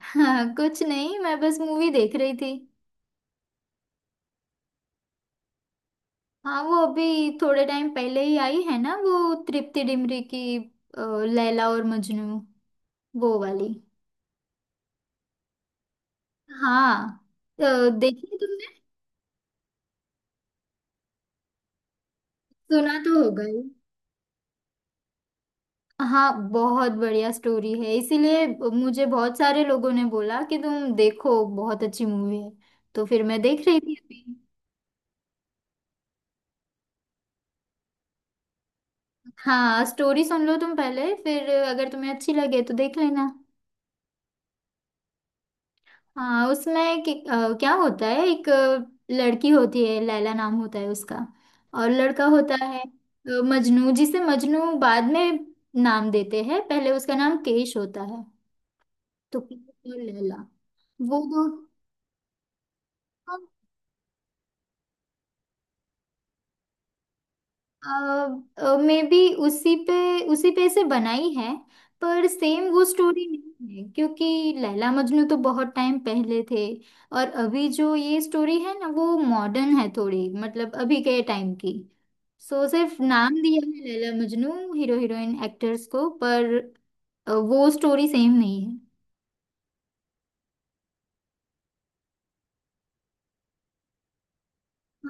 हाँ, कुछ नहीं। मैं बस मूवी देख रही थी। हाँ, वो अभी थोड़े टाइम पहले ही आई है ना, वो तृप्ति डिमरी की, अ, लैला और मजनू, वो वाली। हाँ। अ, देखी तुमने? सुना तो होगा ही। हाँ, बहुत बढ़िया स्टोरी है इसीलिए। मुझे बहुत सारे लोगों ने बोला कि तुम देखो, बहुत अच्छी मूवी है। तो फिर मैं देख रही थी अभी। हाँ, स्टोरी सुन लो तुम पहले, फिर अगर तुम्हें अच्छी लगे तो देख लेना। हाँ, उसमें क्या होता है, एक लड़की होती है, लैला नाम होता है उसका। और लड़का होता है मजनू, जिसे मजनू बाद में नाम देते हैं। पहले उसका नाम केश होता है। तो केश और लैला। वो दो। हाँ। मे बी उसी पे, उसी पे से बनाई है, पर सेम वो स्टोरी नहीं है, क्योंकि लैला मजनू तो बहुत टाइम पहले थे। और अभी जो ये स्टोरी है ना, वो मॉडर्न है थोड़ी, मतलब अभी के टाइम की। सो सिर्फ नाम दिया है Laila Majnu, hero heroine actors को, पर वो स्टोरी सेम नहीं है।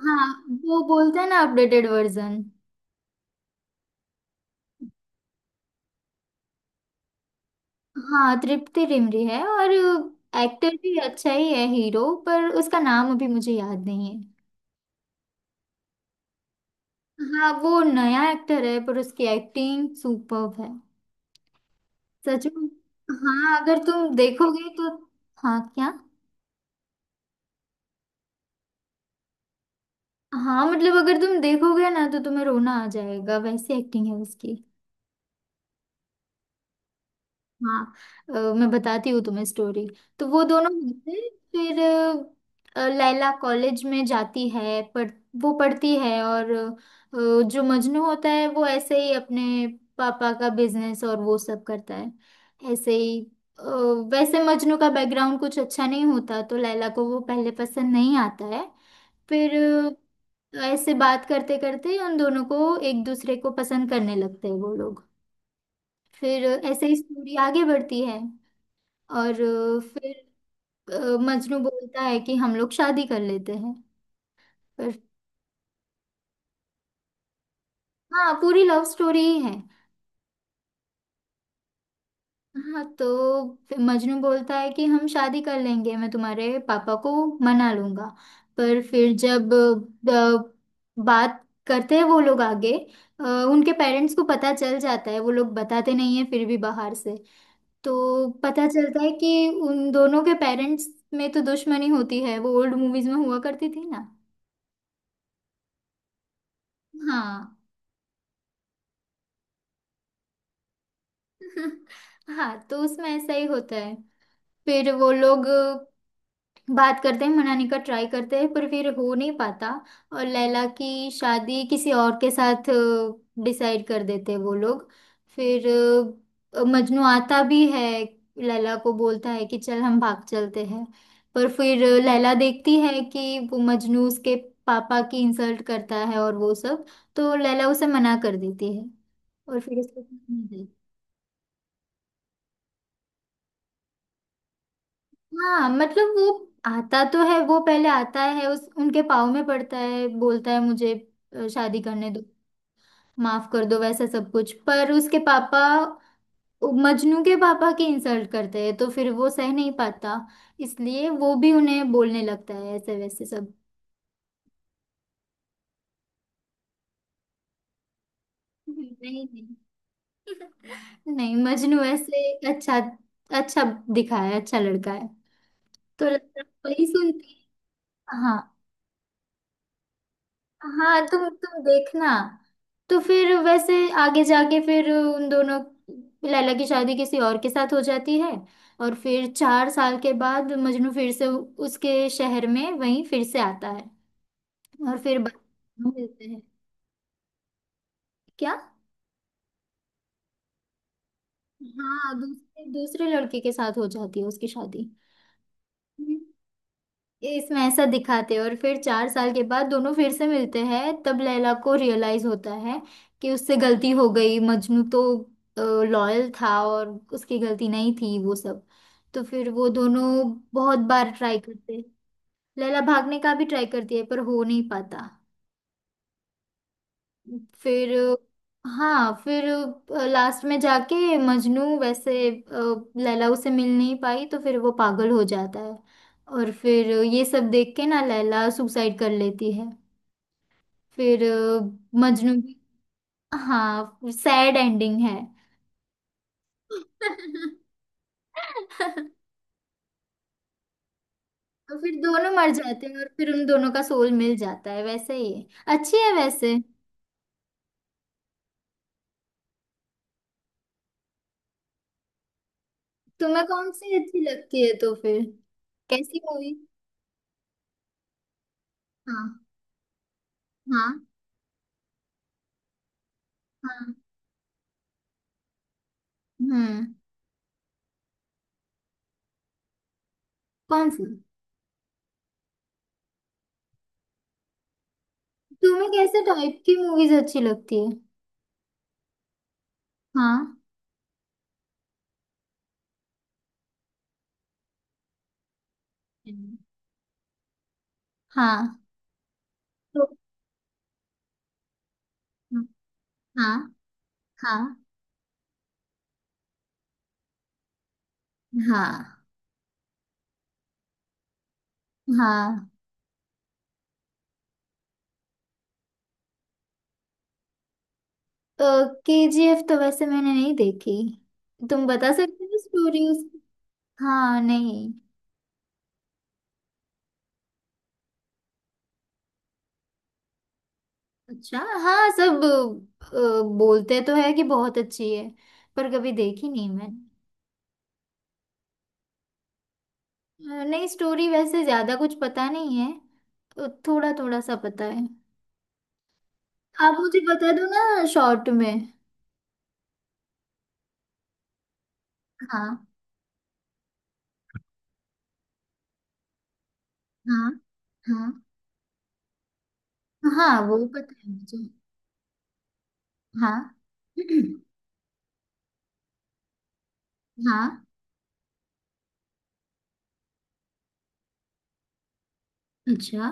हाँ, वो बोलते हैं ना, अपडेटेड वर्जन। हाँ, तृप्ति डिमरी है, और एक्टर भी अच्छा ही है, हीरो, पर उसका नाम अभी मुझे याद नहीं है। हाँ, वो नया एक्टर है पर उसकी एक्टिंग सुपर्ब है, सच में। हाँ, अगर तुम देखोगे तो। हाँ, क्या? हाँ, मतलब अगर तुम देखोगे ना, तो तुम्हें रोना आ जाएगा, वैसी एक्टिंग है उसकी। हाँ। अ, मैं बताती हूँ तुम्हें स्टोरी। तो वो दोनों मिलते हैं। फिर लैला कॉलेज में जाती है पढ़। वो पढ़ती है, और जो मजनू होता है वो ऐसे ही अपने पापा का बिजनेस और वो सब करता है, ऐसे ही। अ, वैसे मजनू का बैकग्राउंड कुछ अच्छा नहीं होता, तो लैला को वो पहले पसंद नहीं आता है। फिर ऐसे बात करते करते उन दोनों को एक दूसरे को पसंद करने लगते हैं वो लोग। फिर ऐसे ही स्टोरी आगे बढ़ती है। और फिर मजनू बोलता है कि हम लोग शादी कर लेते हैं। पर हाँ, पूरी लव स्टोरी ही है। हाँ, तो फिर मजनू बोलता है कि हम शादी कर लेंगे, मैं तुम्हारे पापा को मना लूंगा। पर फिर जब बात करते हैं वो लोग आगे, अ, उनके पेरेंट्स को पता चल जाता है। वो लोग बताते नहीं है फिर भी, बाहर से तो पता चलता है कि उन दोनों के पेरेंट्स में तो दुश्मनी होती है, वो ओल्ड मूवीज में हुआ करती थी ना। हाँ। हाँ, तो उसमें ऐसा ही होता है। फिर वो लोग बात करते हैं, मनाने का ट्राई करते हैं, पर फिर हो नहीं पाता। और लैला की शादी किसी और के साथ डिसाइड कर देते हैं वो लोग। फिर मजनू आता भी है। लैला को बोलता है कि चल हम भाग चलते हैं, पर फिर लैला देखती है कि वो मजनू उसके पापा की इंसल्ट करता है और वो सब। तो लैला उसे मना कर देती है। और फिर उसको, हाँ, मतलब वो आता तो है, वो पहले आता है, उस उनके पाँव में पड़ता है, बोलता है मुझे शादी करने दो, माफ कर दो, वैसा सब कुछ। पर उसके पापा, मजनू के पापा की इंसल्ट करते हैं, तो फिर वो सह नहीं पाता, इसलिए वो भी उन्हें बोलने लगता है ऐसे वैसे सब। नहीं नहीं, नहीं मजनू ऐसे। अच्छा, अच्छा दिखा है, अच्छा लड़का है, तो लगता है वही सुनती है। हाँ, तुम देखना। तो फिर वैसे आगे जाके फिर उन दोनों, लैला की शादी किसी और के साथ हो जाती है। और फिर चार साल के बाद मजनू फिर से उसके शहर में वहीं फिर से आता है, और फिर बच्चे मिलते हैं। क्या? हाँ, दूसरे दूसरे लड़के के साथ हो जाती है उसकी शादी। ये इसमें ऐसा दिखाते हैं, और फिर चार साल के बाद दोनों फिर से मिलते हैं, तब लैला को रियलाइज होता है कि उससे गलती हो गई, मजनू तो लॉयल था और उसकी गलती नहीं थी, वो सब। तो फिर वो दोनों बहुत बार ट्राई करते, लैला भागने का भी ट्राई करती है, पर हो नहीं पाता। फिर, हाँ, फिर लास्ट में जाके मजनू वैसे लैला उसे मिल नहीं पाई, तो फिर वो पागल हो जाता है। और फिर ये सब देख के ना, लैला सुसाइड कर लेती है। फिर मजनू भी। हाँ, सैड एंडिंग है। तो फिर दोनों मर जाते हैं और फिर उन दोनों का सोल मिल जाता है, वैसे ही है। अच्छी है वैसे। तुम्हें कौन सी अच्छी लगती है तो फिर? कैसी मूवी? हाँ। हाँ। हाँ। हम्म। कौन सी? तुम्हें कैसे टाइप की मूवीज अच्छी लगती है? हाँ। हम्म। हाँ। तो हाँ। हाँ। हाँ। हाँ, के जी एफ तो वैसे मैंने नहीं देखी। तुम बता सकते हो स्टोरी उसकी? हाँ, नहीं। अच्छा, हाँ, सब बोलते तो है कि बहुत अच्छी है, पर कभी देखी नहीं मैंने। नहीं, स्टोरी वैसे ज्यादा कुछ पता नहीं है, थोड़ा थोड़ा सा पता है। आप मुझे बता दो ना शॉर्ट में। हाँ। हाँ। हाँ। हाँ, वो पता है मुझे। हाँ। हाँ। अच्छा।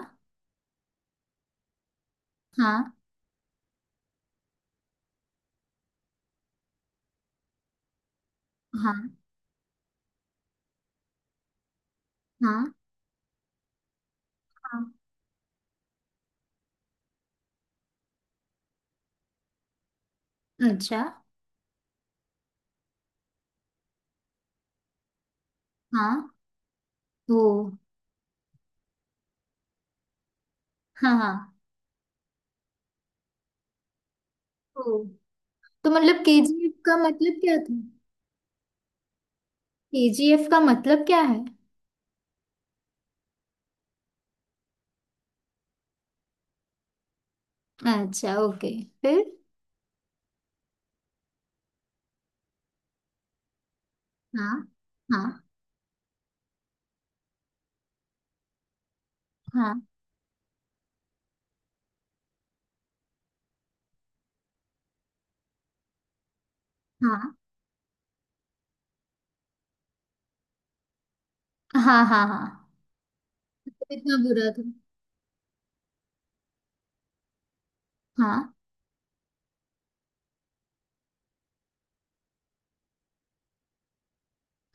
हाँ। हाँ। हाँ। हाँ। अच्छा। हाँ। ओ। हाँ। हाँ। ओ, तो मतलब केजीएफ का मतलब क्या था? केजीएफ का मतलब क्या है? अच्छा, ओके। फिर? हाँ। हाँ। हाँ। हाँ। हाँ। हाँ। हाँ, तो इतना बुरा था? हाँ।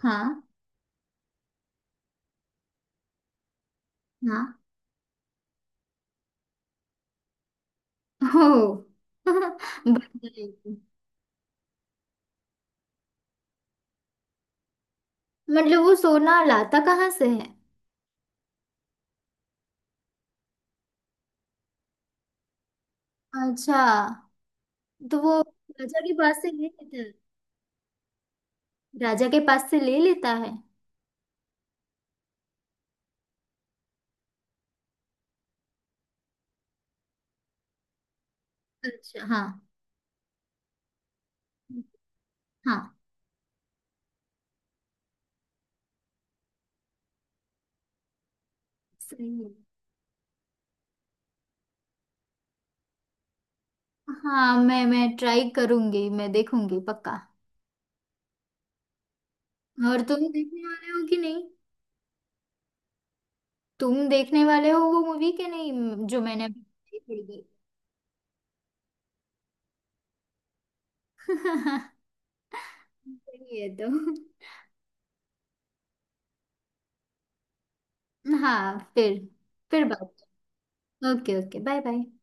हाँ। हाँ। हो। बदला। मतलब वो सोना लाता कहाँ से है? अच्छा। तो वो राजा के पास से ले लेता है? राजा के पास से ले लेता है? अच्छा। हाँ। हाँ। सही है। हाँ, मैं ट्राई करूंगी, मैं देखूंगी पक्का। और तुम देखने वाले हो कि नहीं? तुम देखने वाले हो वो मूवी के नहीं, जो मैंने अभी देखी थी? सही है, तो। हाँ, फिर बात। Okay, okay, bye bye.